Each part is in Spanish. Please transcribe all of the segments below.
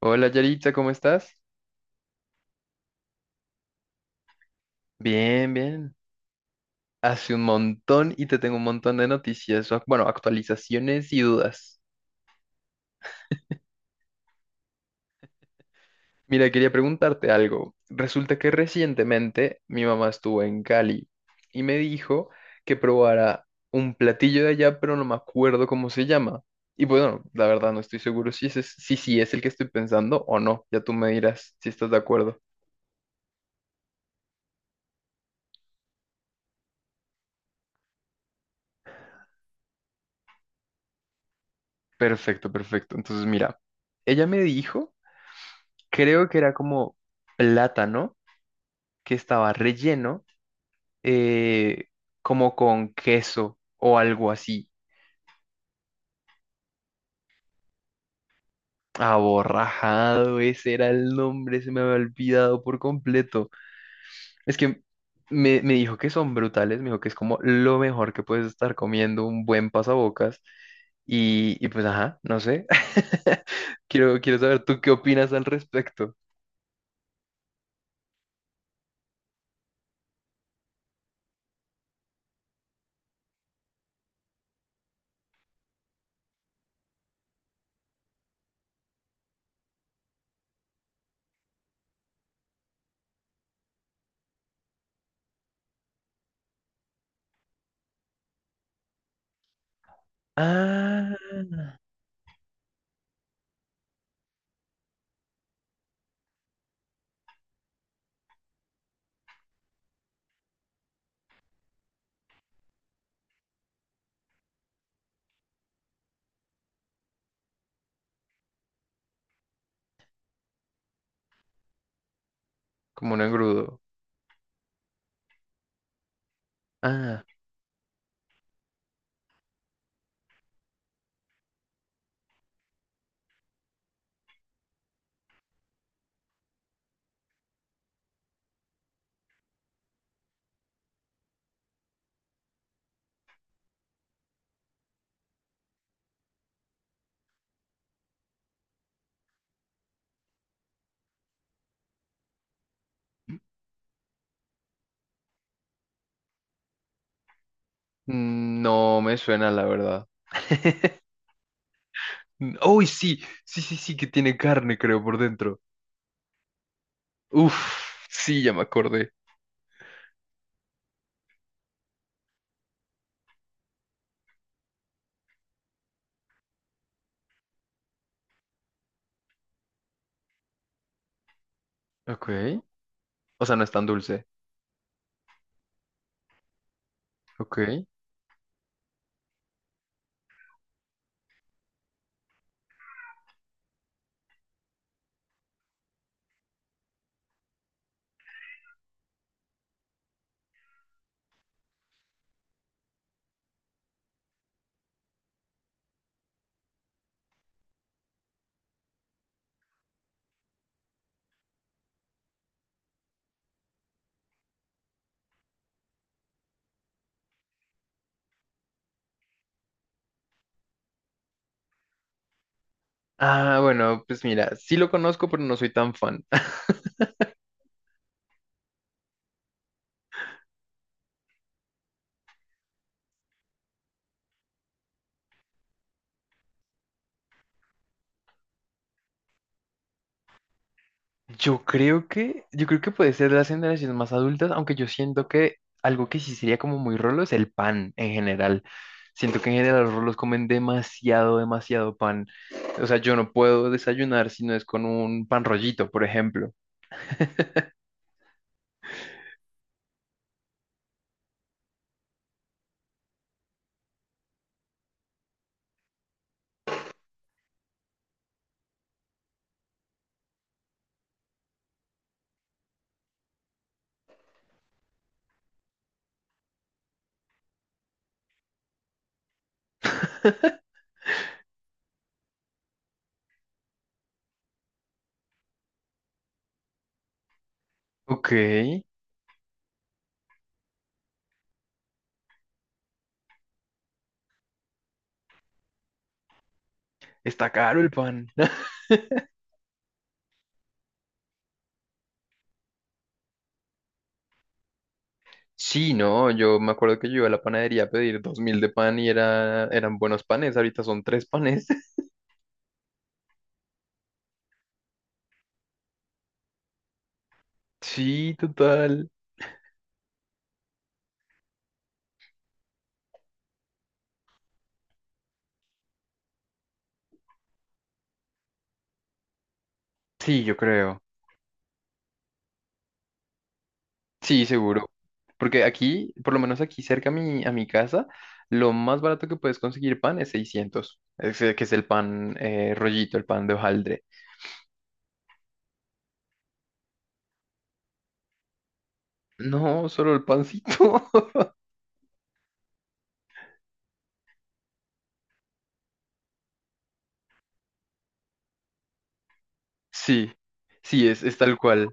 Hola Yaritza, ¿cómo estás? Bien, bien. Hace un montón y te tengo un montón de noticias, o bueno, actualizaciones y dudas. Mira, quería preguntarte algo. Resulta que recientemente mi mamá estuvo en Cali y me dijo que probara un platillo de allá, pero no me acuerdo cómo se llama. Y bueno, la verdad no estoy seguro si ese es, si, sí es el que estoy pensando o no. Ya tú me dirás si estás de acuerdo. Perfecto, perfecto. Entonces, mira, ella me dijo, creo que era como plátano que estaba relleno eh, como con queso o algo así. Aborrajado, ese era el nombre, se me había olvidado por completo. Es que me dijo que son brutales, me dijo que es como lo mejor que puedes estar comiendo, un buen pasabocas. Y pues, ajá, no sé. Quiero saber tú qué opinas al respecto. Ah, como un engrudo. Ah, no me suena, la verdad. Uy, sí, sí, sí, sí, que tiene carne, creo, por dentro. Uf, sí, ya me acordé. Ok. O sea, no es tan dulce. Ok. Ah, bueno, pues mira, sí lo conozco, pero no soy tan fan. Yo creo que puede ser de las generaciones más adultas, aunque yo siento que algo que sí sería como muy rolo es el pan en general. Siento que en general los rolos comen demasiado, demasiado pan. O sea, yo no puedo desayunar si no es con un pan rollito, por ejemplo. Ok, está caro el pan. Sí, no, yo me acuerdo que yo iba a la panadería a pedir 2.000 de pan y eran buenos panes, ahorita son tres panes. Sí, total. Sí, yo creo. Sí, seguro. Porque aquí, por lo menos aquí cerca a mi casa, lo más barato que puedes conseguir pan es 600. Es, que es el pan rollito, el pan de hojaldre. No, solo el pancito. Sí, sí, es tal cual.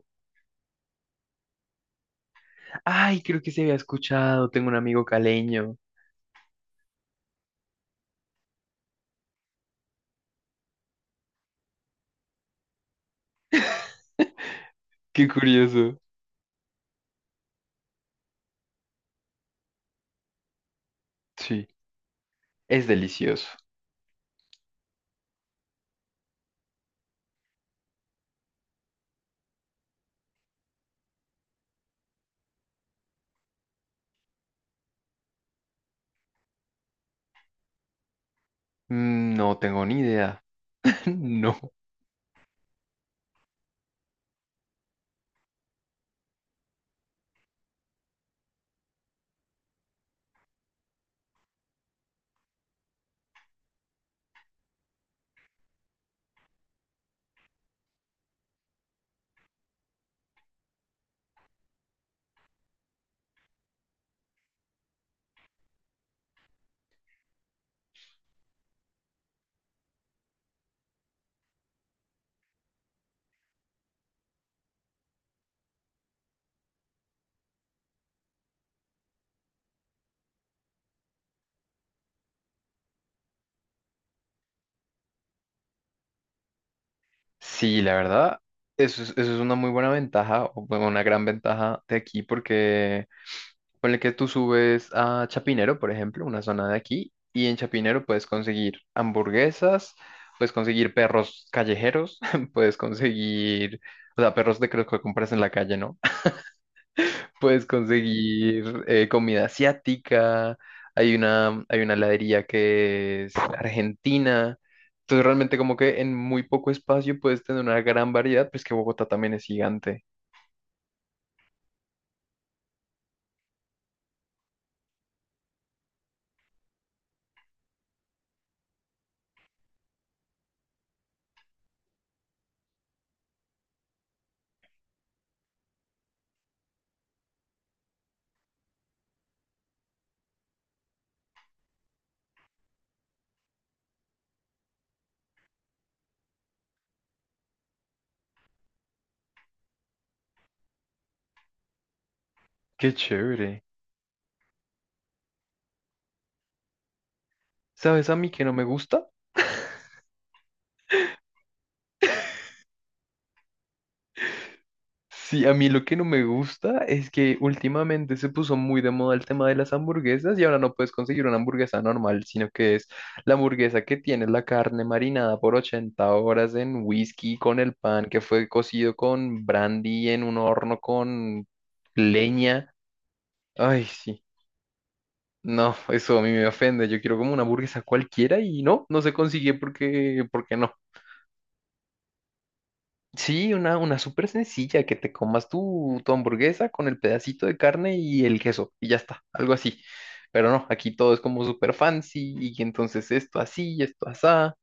Ay, creo que se había escuchado, tengo un amigo caleño. Qué curioso. Sí, es delicioso. No tengo ni idea. No. Sí, la verdad, eso es una muy buena ventaja, o bueno, una gran ventaja de aquí, porque ponle que tú subes a Chapinero, por ejemplo, una zona de aquí, y en Chapinero puedes conseguir hamburguesas, puedes conseguir perros callejeros, puedes conseguir, o sea, perros de que los que compras en la calle, ¿no? Puedes conseguir comida asiática, hay una heladería que es argentina. Entonces realmente como que en muy poco espacio puedes tener una gran variedad, pues que Bogotá también es gigante. Qué chévere. ¿Sabes a mí que no me gusta? Sí, a mí lo que no me gusta es que últimamente se puso muy de moda el tema de las hamburguesas y ahora no puedes conseguir una hamburguesa normal, sino que es la hamburguesa que tiene la carne marinada por 80 horas en whisky con el pan que fue cocido con brandy en un horno con leña. Ay, sí. No, eso a mí me ofende. Yo quiero como una hamburguesa cualquiera y no, no se consigue porque no. Sí, una súper sencilla, que te comas tu hamburguesa con el pedacito de carne y el queso, y ya está, algo así. Pero no, aquí todo es como súper fancy, y entonces esto así, esto asá.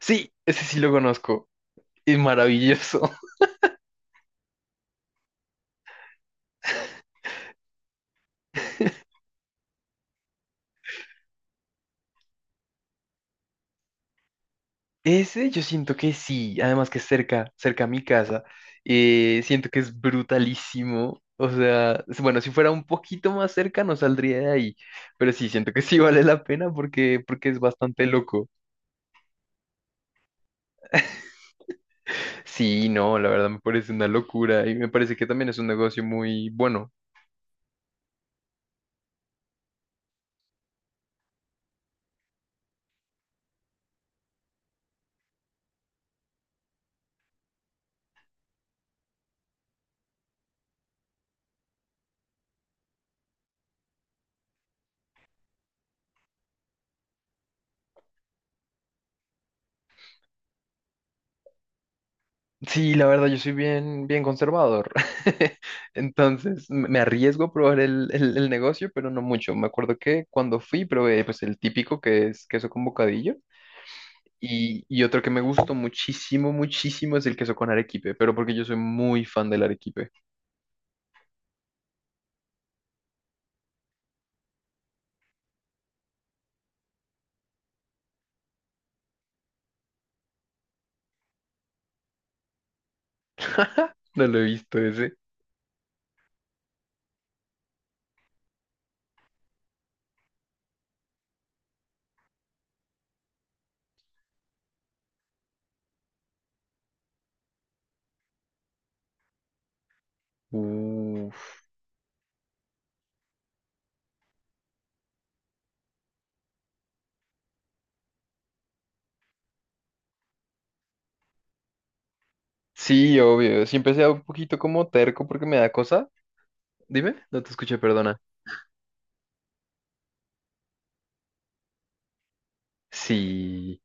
Sí, ese sí lo conozco, es maravilloso. Ese yo siento que sí, además que es cerca, cerca a mi casa, siento que es brutalísimo. O sea, bueno, si fuera un poquito más cerca no saldría de ahí, pero sí, siento que sí vale la pena porque es bastante loco. Sí, no, la verdad me parece una locura y me parece que también es un negocio muy bueno. Sí, la verdad yo soy bien, bien conservador. Entonces me arriesgo a probar el negocio, pero no mucho. Me acuerdo que cuando fui probé pues el típico que es queso con bocadillo y otro que me gustó muchísimo, muchísimo es el queso con arequipe, pero porque yo soy muy fan del arequipe. No lo he visto ese. Uf. Sí, obvio. Siempre sea un poquito como terco porque me da cosa. Dime, no te escuché, perdona. Sí,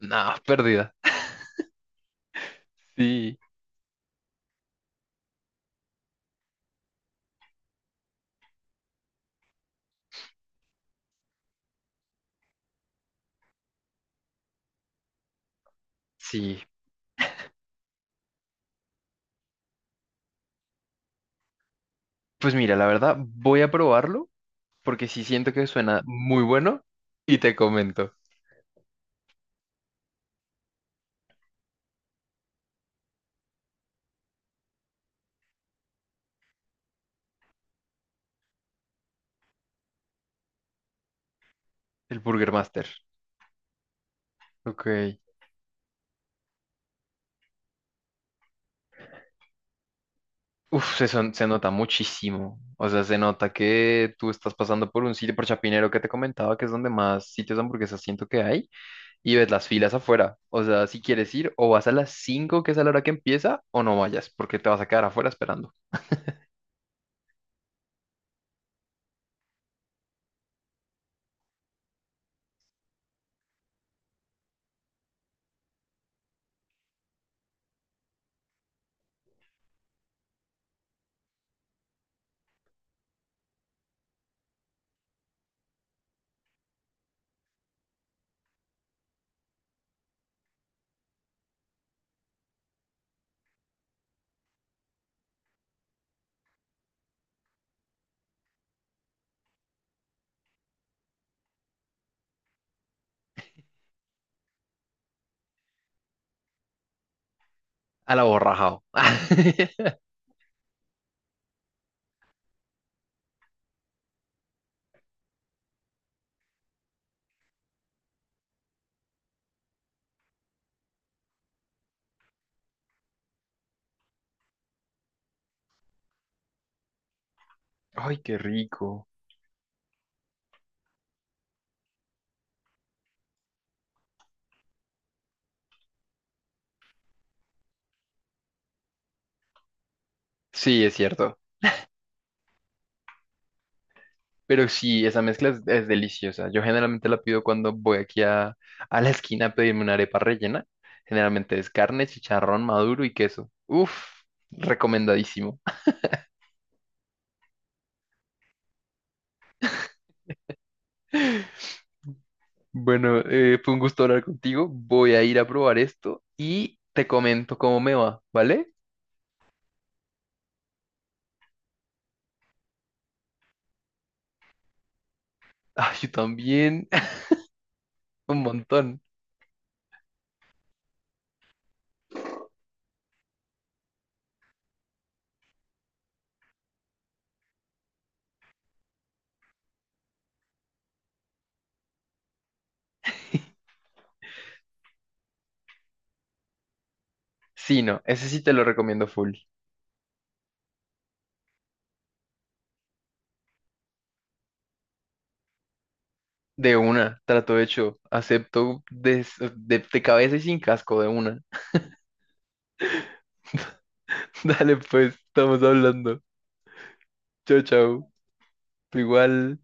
nada, pérdida. Sí, sí. Pues mira, la verdad, voy a probarlo porque sí siento que suena muy bueno y te comento. El Burger Master. Ok. Uf, se nota muchísimo. O sea, se nota que tú estás pasando por un sitio, por Chapinero que te comentaba, que es donde más sitios de hamburguesas siento que hay, y ves las filas afuera. O sea, si quieres ir, o vas a las 5 que es a la hora que empieza, o no vayas, porque te vas a quedar afuera esperando. A la borrajao. Ay, qué rico. Sí, es cierto. Pero sí, esa mezcla es deliciosa. Yo generalmente la pido cuando voy aquí a la esquina a pedirme una arepa rellena. Generalmente es carne, chicharrón maduro y queso. Uf, recomendadísimo. Bueno, fue un gusto hablar contigo. Voy a ir a probar esto y te comento cómo me va, ¿vale? Ah, yo también. Un montón. Sí, no, ese sí te lo recomiendo full. De una, trato hecho. Acepto de cabeza y sin casco, de una. Dale, pues, estamos hablando. Chao, chao. Igual.